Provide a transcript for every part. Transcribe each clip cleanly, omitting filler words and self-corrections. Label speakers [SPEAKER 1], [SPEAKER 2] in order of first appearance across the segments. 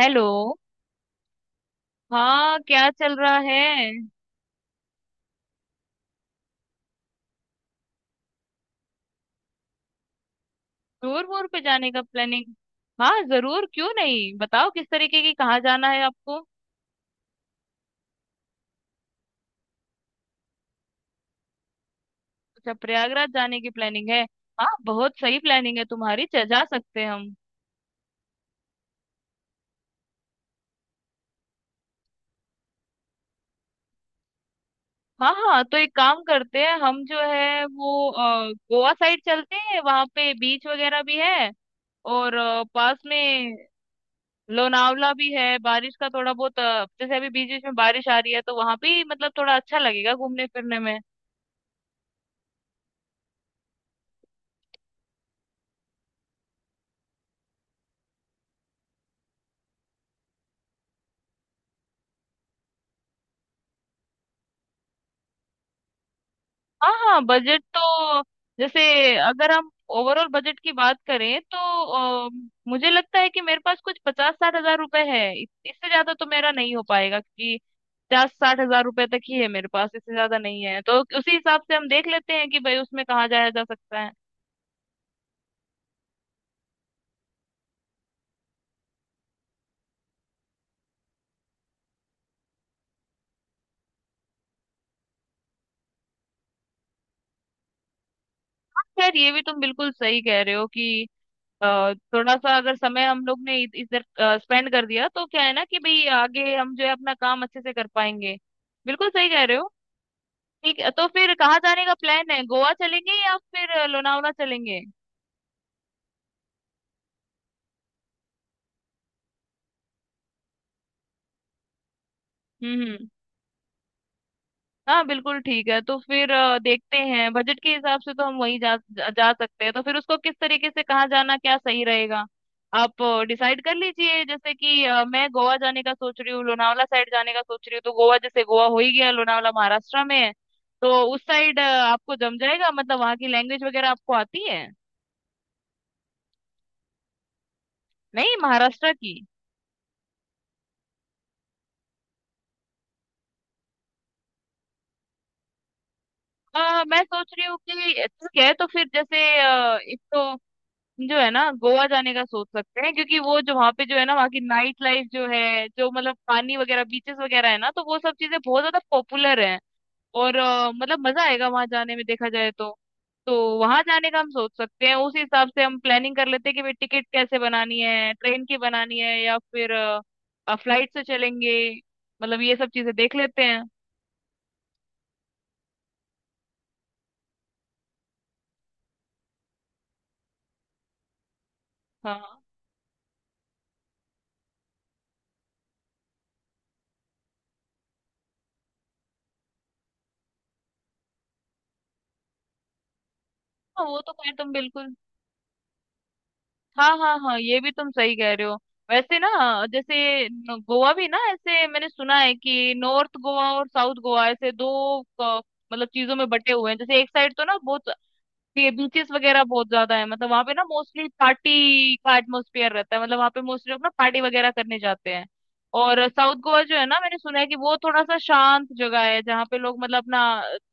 [SPEAKER 1] Hello. हाँ, क्या चल रहा है? टूर वूर पे जाने का प्लानिंग। हाँ, जरूर क्यों नहीं। बताओ किस तरीके की, कहाँ जाना है आपको। अच्छा, प्रयागराज जाने की प्लानिंग है। हाँ, बहुत सही प्लानिंग है तुम्हारी। जा सकते हैं हम। हाँ हाँ, तो एक काम करते हैं, हम जो है वो गोवा साइड चलते हैं। वहाँ पे बीच वगैरह भी है। और पास में लोनावला भी है। बारिश का थोड़ा बहुत जैसे अभी बीच बीच में बारिश आ रही है, तो वहां भी मतलब थोड़ा अच्छा लगेगा घूमने फिरने में। हाँ हाँ, बजट तो जैसे अगर हम ओवरऑल बजट की बात करें तो अ, मुझे लगता है कि मेरे पास कुछ 50-60 हजार रुपए है। इससे ज्यादा तो मेरा नहीं हो पाएगा, क्योंकि 50-60 हजार रुपए तक ही है मेरे पास। इससे ज्यादा नहीं है, तो उसी हिसाब से हम देख लेते हैं कि भाई उसमें कहाँ जाया जा सकता है। हाँ, खैर ये भी तुम बिल्कुल सही कह रहे हो कि अ, थोड़ा सा अगर समय हम लोग ने इधर स्पेंड कर दिया तो क्या है ना, कि भाई आगे हम जो है अपना काम अच्छे से कर पाएंगे। बिल्कुल सही कह रहे हो। ठीक है, तो फिर कहाँ जाने का प्लान है? गोवा चलेंगे या फिर लोनावला चलेंगे? हम्म। हाँ बिल्कुल ठीक है, तो फिर देखते हैं बजट के हिसाब से तो हम वहीं जा, जा जा सकते हैं। तो फिर उसको किस तरीके से कहाँ जाना, क्या सही रहेगा। आप डिसाइड कर लीजिए। जैसे कि मैं गोवा जाने का सोच रही हूँ, लोनावला साइड जाने का सोच रही हूँ। तो गोवा जैसे गोवा हो ही गया, लोनावला महाराष्ट्र में है। तो उस साइड आपको जम जाएगा, मतलब वहाँ की लैंग्वेज वगैरह आपको आती है? नहीं, महाराष्ट्र की। मैं सोच रही हूँ कि ठीक है, तो फिर जैसे एक तो जो है ना, गोवा जाने का सोच सकते हैं, क्योंकि वो जो वहाँ पे जो है ना, वहाँ की नाइट लाइफ जो है, जो मतलब पानी वगैरह बीचेस वगैरह है ना, तो वो सब चीजें बहुत ज्यादा पॉपुलर हैं। और मतलब मजा आएगा वहां जाने में देखा जाए तो। तो वहां जाने का हम सोच सकते हैं, उस हिसाब से हम प्लानिंग कर लेते हैं कि भाई टिकट कैसे बनानी है, ट्रेन की बनानी है या फिर फ्लाइट से चलेंगे। मतलब ये सब चीजें देख लेते हैं। हाँ हाँ, वो तो खैर तुम बिल्कुल। हाँ हाँ हाँ, ये भी तुम सही कह रहे हो। वैसे ना, जैसे गोवा भी ना, ऐसे मैंने सुना है कि नॉर्थ गोवा और साउथ गोवा ऐसे दो अ, मतलब चीजों में बटे हुए हैं। जैसे एक साइड तो ना बहुत बीचेस वगैरह बहुत ज्यादा है, मतलब वहाँ पे ना मोस्टली पार्टी का एटमोस्फेयर रहता है, मतलब वहाँ पे मोस्टली लोग ना पार्टी वगैरह करने जाते हैं। और साउथ गोवा जो है ना, मैंने सुना है कि वो थोड़ा सा शांत जगह है जहाँ पे लोग मतलब अपना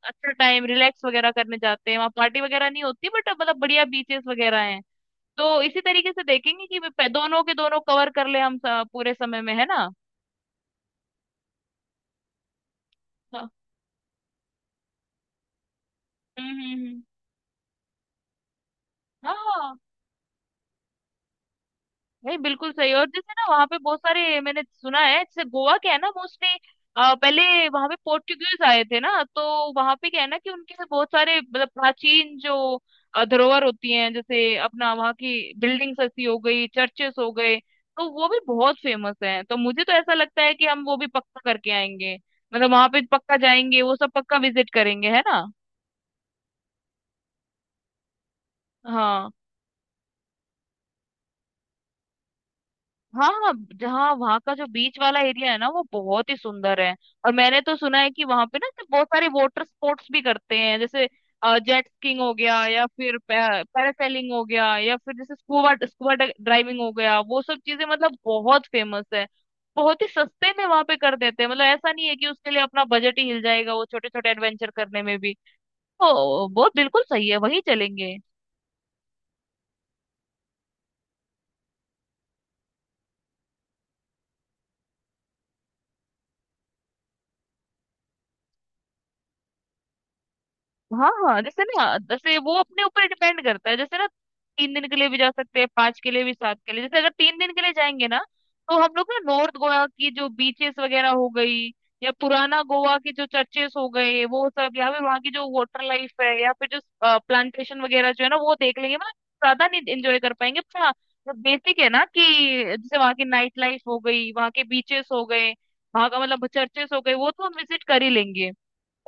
[SPEAKER 1] अच्छा टाइम रिलैक्स वगैरह करने जाते हैं। वहाँ पार्टी वगैरह नहीं होती, बट मतलब बढ़िया बीचेस वगैरह हैं। तो इसी तरीके से देखेंगे कि दोनों के दोनों कवर कर ले हम पूरे समय में, है ना। हाँ। हम्म हम्म हम्म। हाँ, नहीं बिल्कुल सही। और जैसे ना, वहां पे बहुत सारे मैंने सुना है, जैसे गोवा क्या है ना मोस्टली, पहले वहां पे पोर्टुगीज आए थे ना, तो वहां पे क्या है ना कि उनके से बहुत सारे मतलब प्राचीन जो धरोहर होती हैं। जैसे अपना वहाँ की बिल्डिंग्स ऐसी हो गई, चर्चेस हो गए। तो वो भी बहुत फेमस हैं, तो मुझे तो ऐसा लगता है कि हम वो भी पक्का करके आएंगे। मतलब वहां पे पक्का जाएंगे, वो सब पक्का विजिट करेंगे, है ना। हाँ हाँ हाँ, जहाँ वहाँ का जो बीच वाला एरिया है ना, वो बहुत ही सुंदर है। और मैंने तो सुना है कि वहां पे ना ऐसे बहुत सारे वाटर स्पोर्ट्स भी करते हैं, जैसे जेट स्कीइंग हो गया या फिर पैरासेलिंग हो गया या फिर जैसे स्कूबा स्कूबा ड्राइविंग हो गया, वो सब चीजें मतलब बहुत फेमस है। बहुत ही सस्ते में वहां पे कर देते हैं, मतलब ऐसा नहीं है कि उसके लिए अपना बजट ही हिल जाएगा, वो छोटे छोटे एडवेंचर करने में भी। तो वो बिल्कुल सही है, वहीं चलेंगे। हाँ हाँ, जैसे ना जैसे वो अपने ऊपर डिपेंड करता है जैसे ना। 3 दिन के लिए भी जा सकते हैं, 5 के लिए भी, 7 के लिए। जैसे अगर 3 दिन के लिए जाएंगे ना, तो हम लोग ना नॉर्थ गोवा की जो बीचेस वगैरह हो गई, या पुराना गोवा के जो चर्चेस हो गए वो सब, या फिर वहाँ की जो वाटर लाइफ है या फिर जो प्लांटेशन वगैरह जो है ना, वो देख लेंगे। मतलब ज्यादा नहीं एंजॉय कर पाएंगे, पर हाँ, जो बेसिक है ना कि जैसे वहाँ की नाइट लाइफ हो गई, वहाँ के बीचेस हो गए, वहाँ का मतलब चर्चेस हो गए, वो तो हम विजिट कर ही लेंगे।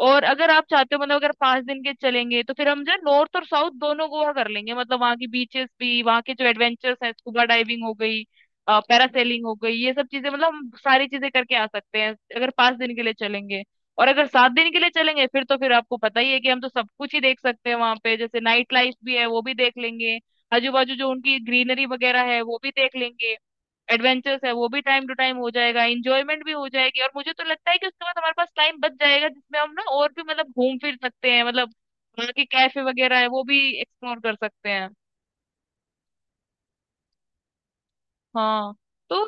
[SPEAKER 1] और अगर आप चाहते हो, मतलब अगर 5 दिन के चलेंगे तो फिर हम जो है नॉर्थ और साउथ दोनों गोवा कर लेंगे, मतलब वहाँ की बीचेस भी, वहाँ के जो एडवेंचर्स हैं, स्कूबा डाइविंग हो गई, पैरासेलिंग हो गई, ये सब चीजें मतलब हम सारी चीजें करके आ सकते हैं अगर 5 दिन के लिए चलेंगे। और अगर 7 दिन के लिए चलेंगे फिर, तो फिर आपको पता ही है कि हम तो सब कुछ ही देख सकते हैं वहां पे। जैसे नाइट लाइफ भी है वो भी देख लेंगे, आजू बाजू जो उनकी ग्रीनरी वगैरह है वो भी देख लेंगे, एडवेंचर्स है वो भी टाइम टू टाइम हो जाएगा, इंजॉयमेंट भी हो जाएगी। और मुझे तो लगता है कि उसके बाद हमारे पास टाइम बच जाएगा, जिसमें हम ना और भी मतलब घूम फिर सकते हैं, मतलब वहाँ के कैफे वगैरह है वो भी एक्सप्लोर कर सकते हैं। हाँ। तो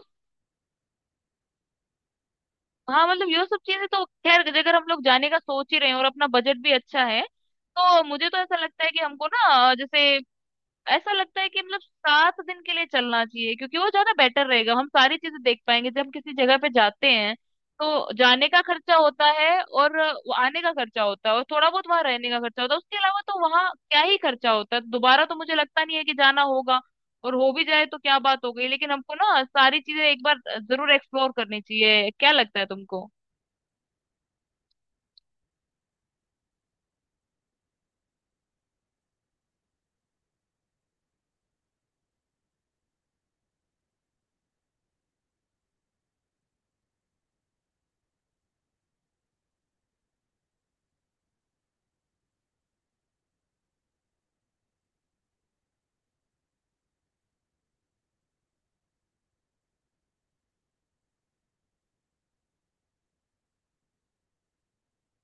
[SPEAKER 1] हाँ, मतलब ये सब चीजें तो खैर, अगर हम लोग जाने का सोच ही रहे हैं और अपना बजट भी अच्छा है, तो मुझे तो ऐसा लगता है कि हमको ना जैसे ऐसा लगता है कि मतलब 7 दिन के लिए चलना चाहिए, क्योंकि वो ज्यादा बेटर रहेगा, हम सारी चीजें देख पाएंगे। जब हम किसी जगह पे जाते हैं तो जाने का खर्चा होता है और वो आने का खर्चा होता है और थोड़ा बहुत वहां रहने का खर्चा होता है, उसके अलावा तो वहां क्या ही खर्चा होता है। दोबारा तो मुझे लगता नहीं है कि जाना होगा, और हो भी जाए तो क्या बात हो गई। लेकिन हमको ना सारी चीजें एक बार जरूर एक्सप्लोर करनी चाहिए। क्या लगता है तुमको?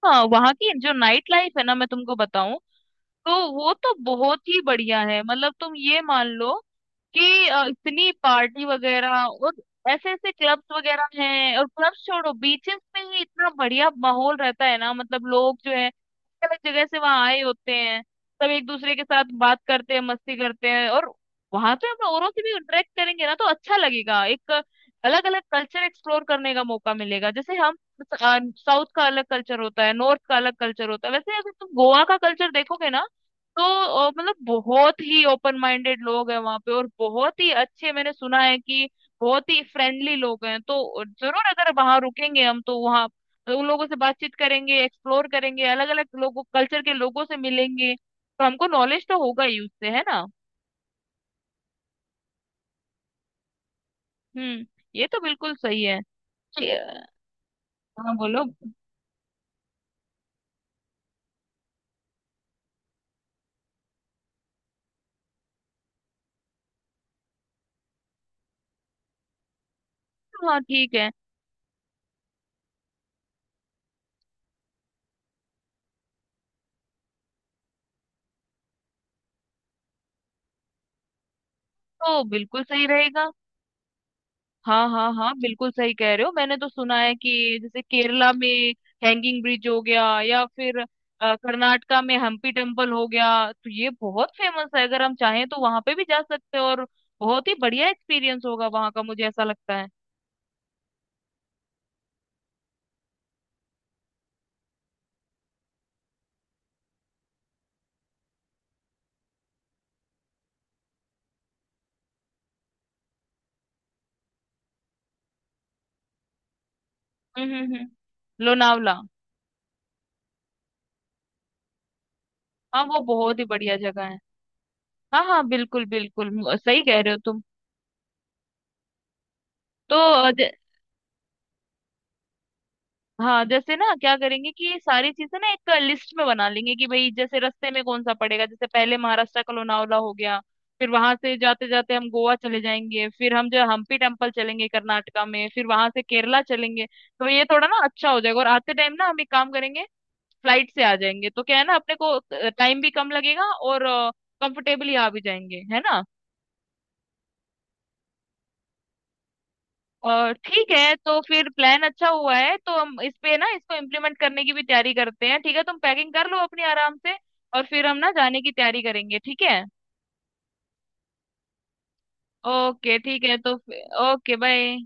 [SPEAKER 1] हाँ, वहाँ की जो नाइट लाइफ है ना, मैं तुमको बताऊं तो वो तो बहुत ही बढ़िया है। मतलब तुम ये मान लो कि इतनी पार्टी वगैरह और ऐसे ऐसे क्लब्स वगैरह हैं। और क्लब्स छोड़ो, बीचेस पे ही इतना बढ़िया माहौल रहता है ना, मतलब लोग जो है अलग जगह से वहां आए होते हैं, सब एक दूसरे के साथ बात करते हैं, मस्ती करते हैं। और वहां पे हम औरों से भी इंटरेक्ट करेंगे ना, तो अच्छा लगेगा, एक अलग अलग कल्चर एक्सप्लोर करने का मौका मिलेगा। जैसे हम साउथ का अलग कल्चर होता है, नॉर्थ का अलग कल्चर होता है, वैसे अगर तुम गोवा का कल्चर देखोगे ना, तो मतलब बहुत ही ओपन माइंडेड लोग हैं वहां पे। और बहुत ही अच्छे, मैंने सुना है कि बहुत ही फ्रेंडली लोग हैं। तो जरूर अगर वहां रुकेंगे हम तो वहां तो उन लोगों से बातचीत करेंगे, एक्सप्लोर करेंगे, अलग अलग लोगों कल्चर के लोगों से मिलेंगे, तो हमको नॉलेज तो होगा ही उससे, है ना। हम्म। ये तो बिल्कुल सही है। ये- हाँ बोलो। हाँ ठीक है, तो बिल्कुल सही रहेगा। हाँ हाँ हाँ, बिल्कुल सही कह रहे हो। मैंने तो सुना है कि जैसे केरला में हैंगिंग ब्रिज हो गया या फिर कर्नाटका में हम्पी टेम्पल हो गया, तो ये बहुत फेमस है। अगर हम चाहें तो वहां पे भी जा सकते हैं, और बहुत ही बढ़िया एक्सपीरियंस होगा वहां का, मुझे ऐसा लगता है। लोनावला। हाँ, वो बहुत ही बढ़िया जगह है। हाँ हाँ, बिल्कुल बिल्कुल सही कह रहे हो तुम। तो अ, ज, हाँ, जैसे ना क्या करेंगे कि ये सारी चीजें ना एक लिस्ट में बना लेंगे कि भाई जैसे रास्ते में कौन सा पड़ेगा। जैसे पहले महाराष्ट्र का लोनावला हो गया, फिर वहां से जाते जाते हम गोवा चले जाएंगे, फिर हम जो हम्पी टेम्पल चलेंगे कर्नाटका में, फिर वहां से केरला चलेंगे। तो ये थोड़ा ना अच्छा हो जाएगा। और आते टाइम ना हम एक काम करेंगे, फ्लाइट से आ जाएंगे, तो क्या है ना, अपने को टाइम भी कम लगेगा और कंफर्टेबली आ भी जाएंगे, है ना। और ठीक है, तो फिर प्लान अच्छा हुआ है, तो हम इस पे ना इसको इम्प्लीमेंट करने की भी तैयारी करते हैं। ठीक है, तुम पैकिंग कर लो अपनी आराम से और फिर हम ना जाने की तैयारी करेंगे, ठीक है। ओके ठीक है तो। Okay, bye.